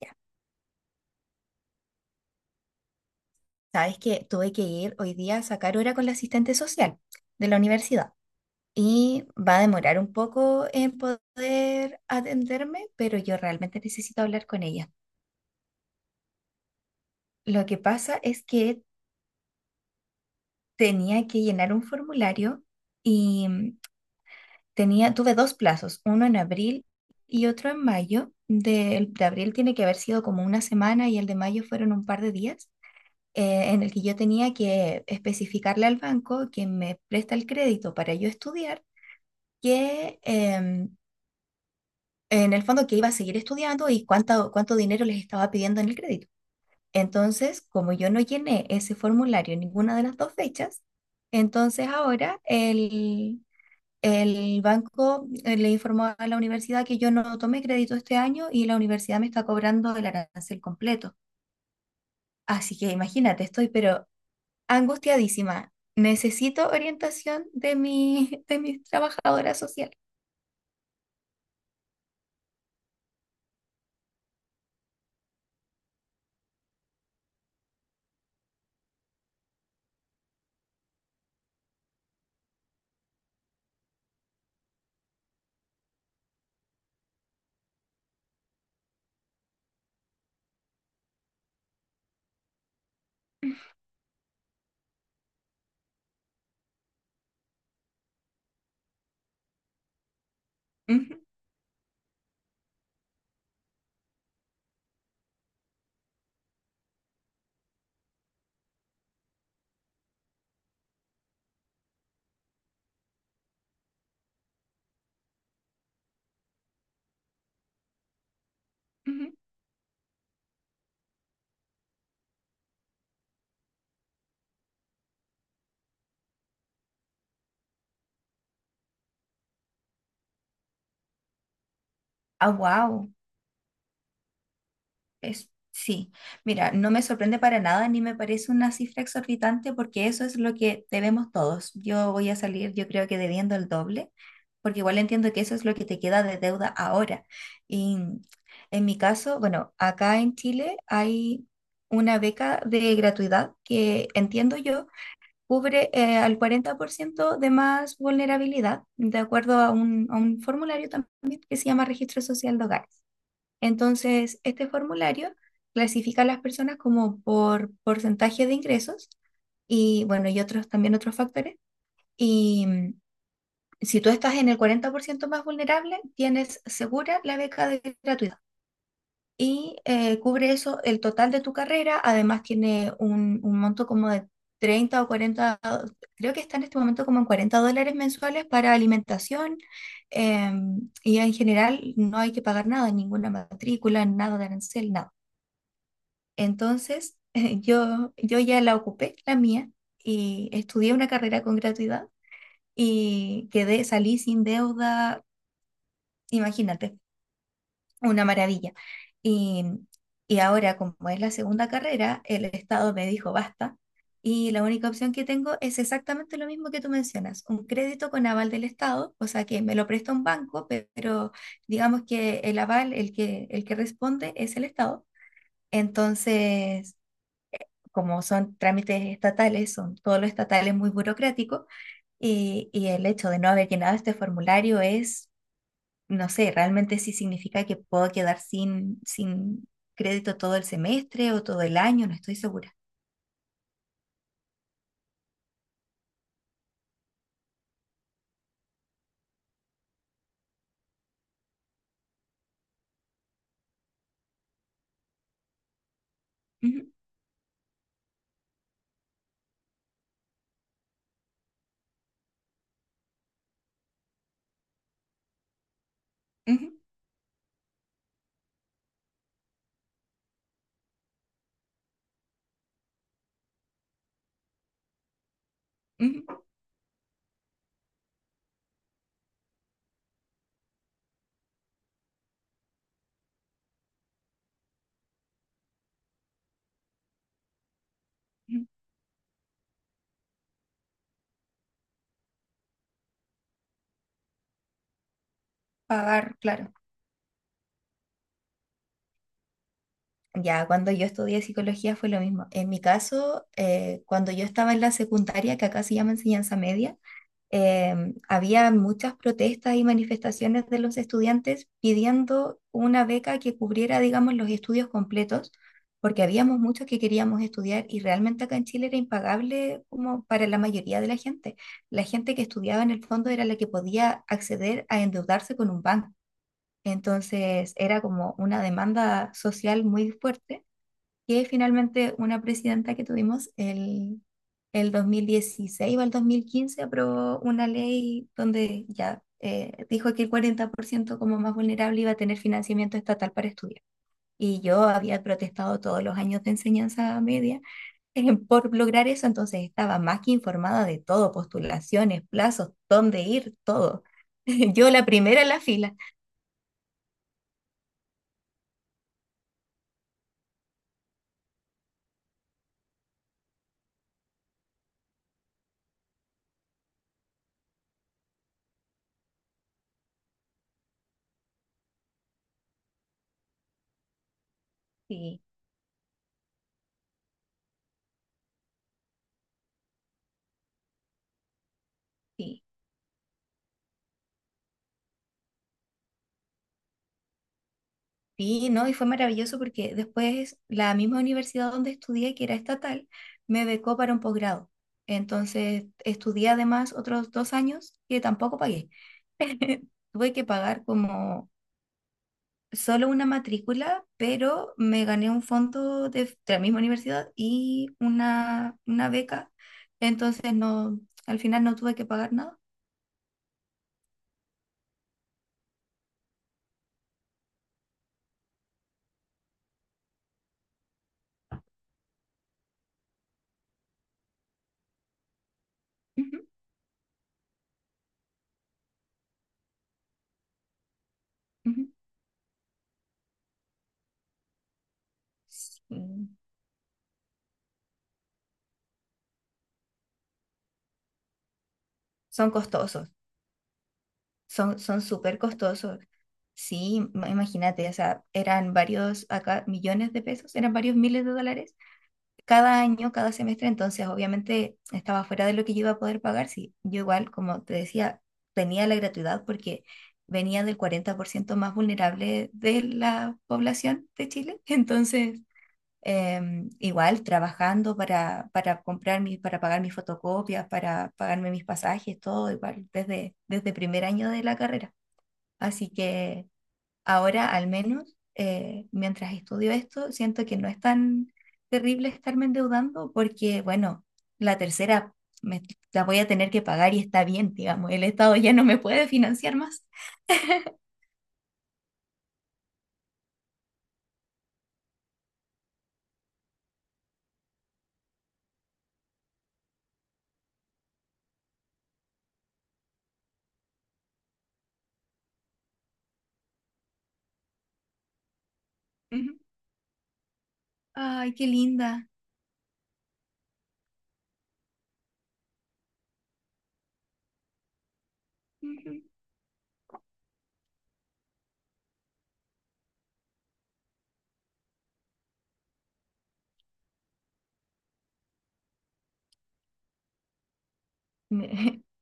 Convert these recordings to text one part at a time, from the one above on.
Ya, sabes que tuve que ir hoy día a sacar hora con la asistente social de la universidad y va a demorar un poco en poder atenderme, pero yo realmente necesito hablar con ella. Lo que pasa es que tenía que llenar un formulario y tuve dos plazos, uno en abril y otro en mayo. Del de abril tiene que haber sido como una semana y el de mayo fueron un par de días, en el que yo tenía que especificarle al banco que me presta el crédito para yo estudiar, que en el fondo que iba a seguir estudiando y cuánto dinero les estaba pidiendo en el crédito. Entonces, como yo no llené ese formulario en ninguna de las dos fechas, entonces ahora el banco le informó a la universidad que yo no tomé crédito este año y la universidad me está cobrando el arancel completo. Así que imagínate, estoy pero angustiadísima. Necesito orientación de de mi trabajadora social. Ujú, ujú. Ah, wow. Es, sí. Mira, no me sorprende para nada ni me parece una cifra exorbitante porque eso es lo que debemos todos. Yo voy a salir, yo creo que debiendo el doble, porque igual entiendo que eso es lo que te queda de deuda ahora. Y en mi caso, bueno, acá en Chile hay una beca de gratuidad que entiendo yo cubre al 40% de más vulnerabilidad, de acuerdo a a un formulario también que se llama Registro Social de Hogares. Entonces, este formulario clasifica a las personas como por porcentaje de ingresos y, bueno, y otros factores. Y si tú estás en el 40% más vulnerable, tienes segura la beca de gratuidad y cubre eso, el total de tu carrera. Además tiene un monto como de 30 o 40 do- creo que está en este momento como en 40 dólares mensuales para alimentación, y en general no hay que pagar nada, ninguna matrícula, nada de arancel, nada. Entonces, yo ya la ocupé, la mía, y estudié una carrera con gratuidad y salí sin deuda, imagínate. Una maravilla. Y, y ahora, como es la segunda carrera, el Estado me dijo basta. Y la única opción que tengo es exactamente lo mismo que tú mencionas, un crédito con aval del Estado, o sea que me lo presta un banco, pero digamos que el aval, el que responde es el Estado. Entonces, como son trámites estatales, son todos los estatales muy burocráticos, y el hecho de no haber llenado este formulario es no sé, realmente sí significa que puedo quedar sin crédito todo el semestre o todo el año, no estoy segura. Ujú, ujú, ujú, ujú. Pagar, claro. Ya, cuando yo estudié psicología fue lo mismo. En mi caso, cuando yo estaba en la secundaria, que acá se llama enseñanza media, eh, había muchas protestas y manifestaciones de los estudiantes pidiendo una beca que cubriera, digamos, los estudios completos, porque habíamos muchos que queríamos estudiar y realmente acá en Chile era impagable como para la mayoría de la gente. La gente que estudiaba en el fondo era la que podía acceder a endeudarse con un banco. Entonces era como una demanda social muy fuerte que finalmente una presidenta que tuvimos el 2016 o el 2015 aprobó una ley donde ya dijo que el 40% como más vulnerable iba a tener financiamiento estatal para estudiar. Y yo había protestado todos los años de enseñanza media, por lograr eso, entonces estaba más que informada de todo, postulaciones, plazos, dónde ir, todo. Yo la primera en la fila. Sí, sí. Sí, no, y fue maravilloso porque después la misma universidad donde estudié, que era estatal, me becó para un posgrado. Entonces estudié además otros dos años que tampoco pagué. Tuve que pagar como solo una matrícula, pero me gané un fondo de la misma universidad y una beca. Entonces no, al final no tuve que pagar nada. Ujú, ujú. Sí, son costosos, son súper costosos. Sí, imagínate, o sea, eran varios acá millones de pesos, eran varios miles de dólares cada año, cada semestre, entonces obviamente estaba fuera de lo que yo iba a poder pagar, sí. Yo igual, como te decía, tenía la gratuidad porque venía del 40% más vulnerable de la población de Chile, entonces igual trabajando para comprar para pagar mis fotocopias, para pagarme mis pasajes, todo igual, desde primer año de la carrera. Así que... Ahora, al menos, mientras estudio esto, siento que no es tan terrible estarme endeudando porque, bueno, la tercera me- la voy a tener que pagar y está bien, digamos, el Estado ya no me puede financiar más. Ujú. Ay, qué linda. Ujú.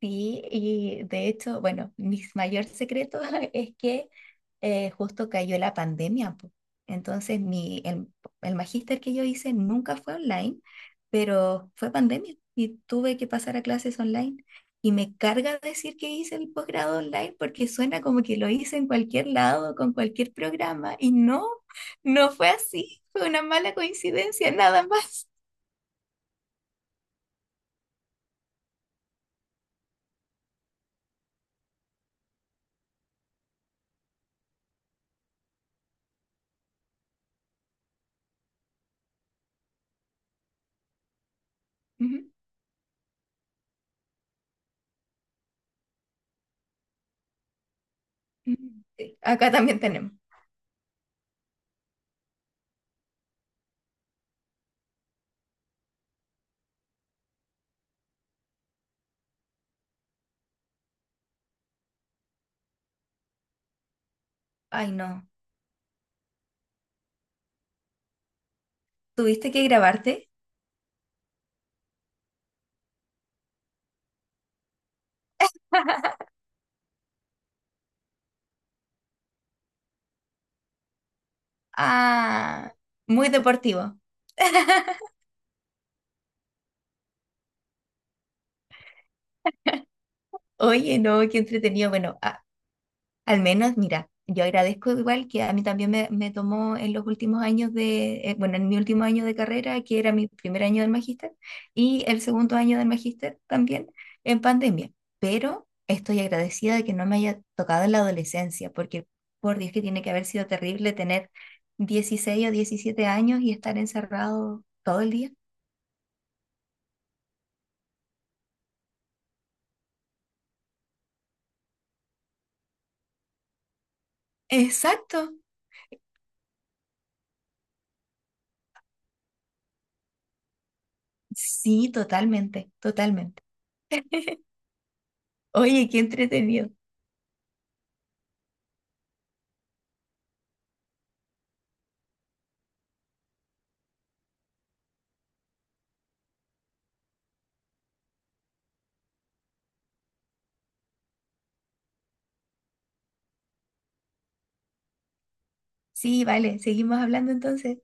Sí, y de hecho, bueno, mi mayor secreto es que justo cayó la pandemia, po. Entonces, el magíster que yo hice nunca fue online, pero fue pandemia y tuve que pasar a clases online. Y me carga decir que hice el posgrado online porque suena como que lo hice en cualquier lado, con cualquier programa, y no, no fue así, fue una mala coincidencia, nada más. Ujú, ujú. Sí, acá también tenemos. Ay, no. ¿Tuviste que grabarte? Ah, muy deportivo. Oye, no, qué entretenido. Bueno, al menos, mira, yo agradezco igual que a mí también me tomó en los últimos años de, bueno, en mi último año de carrera, que era mi primer año del magíster, y el segundo año del magíster también en pandemia. Pero estoy agradecida de que no me haya tocado en la adolescencia, porque por Dios que tiene que haber sido terrible tener 16 o 17 años y estar encerrado todo el día. Exacto. Sí, totalmente, totalmente. Oye, qué entretenido. Sí, vale, seguimos hablando entonces.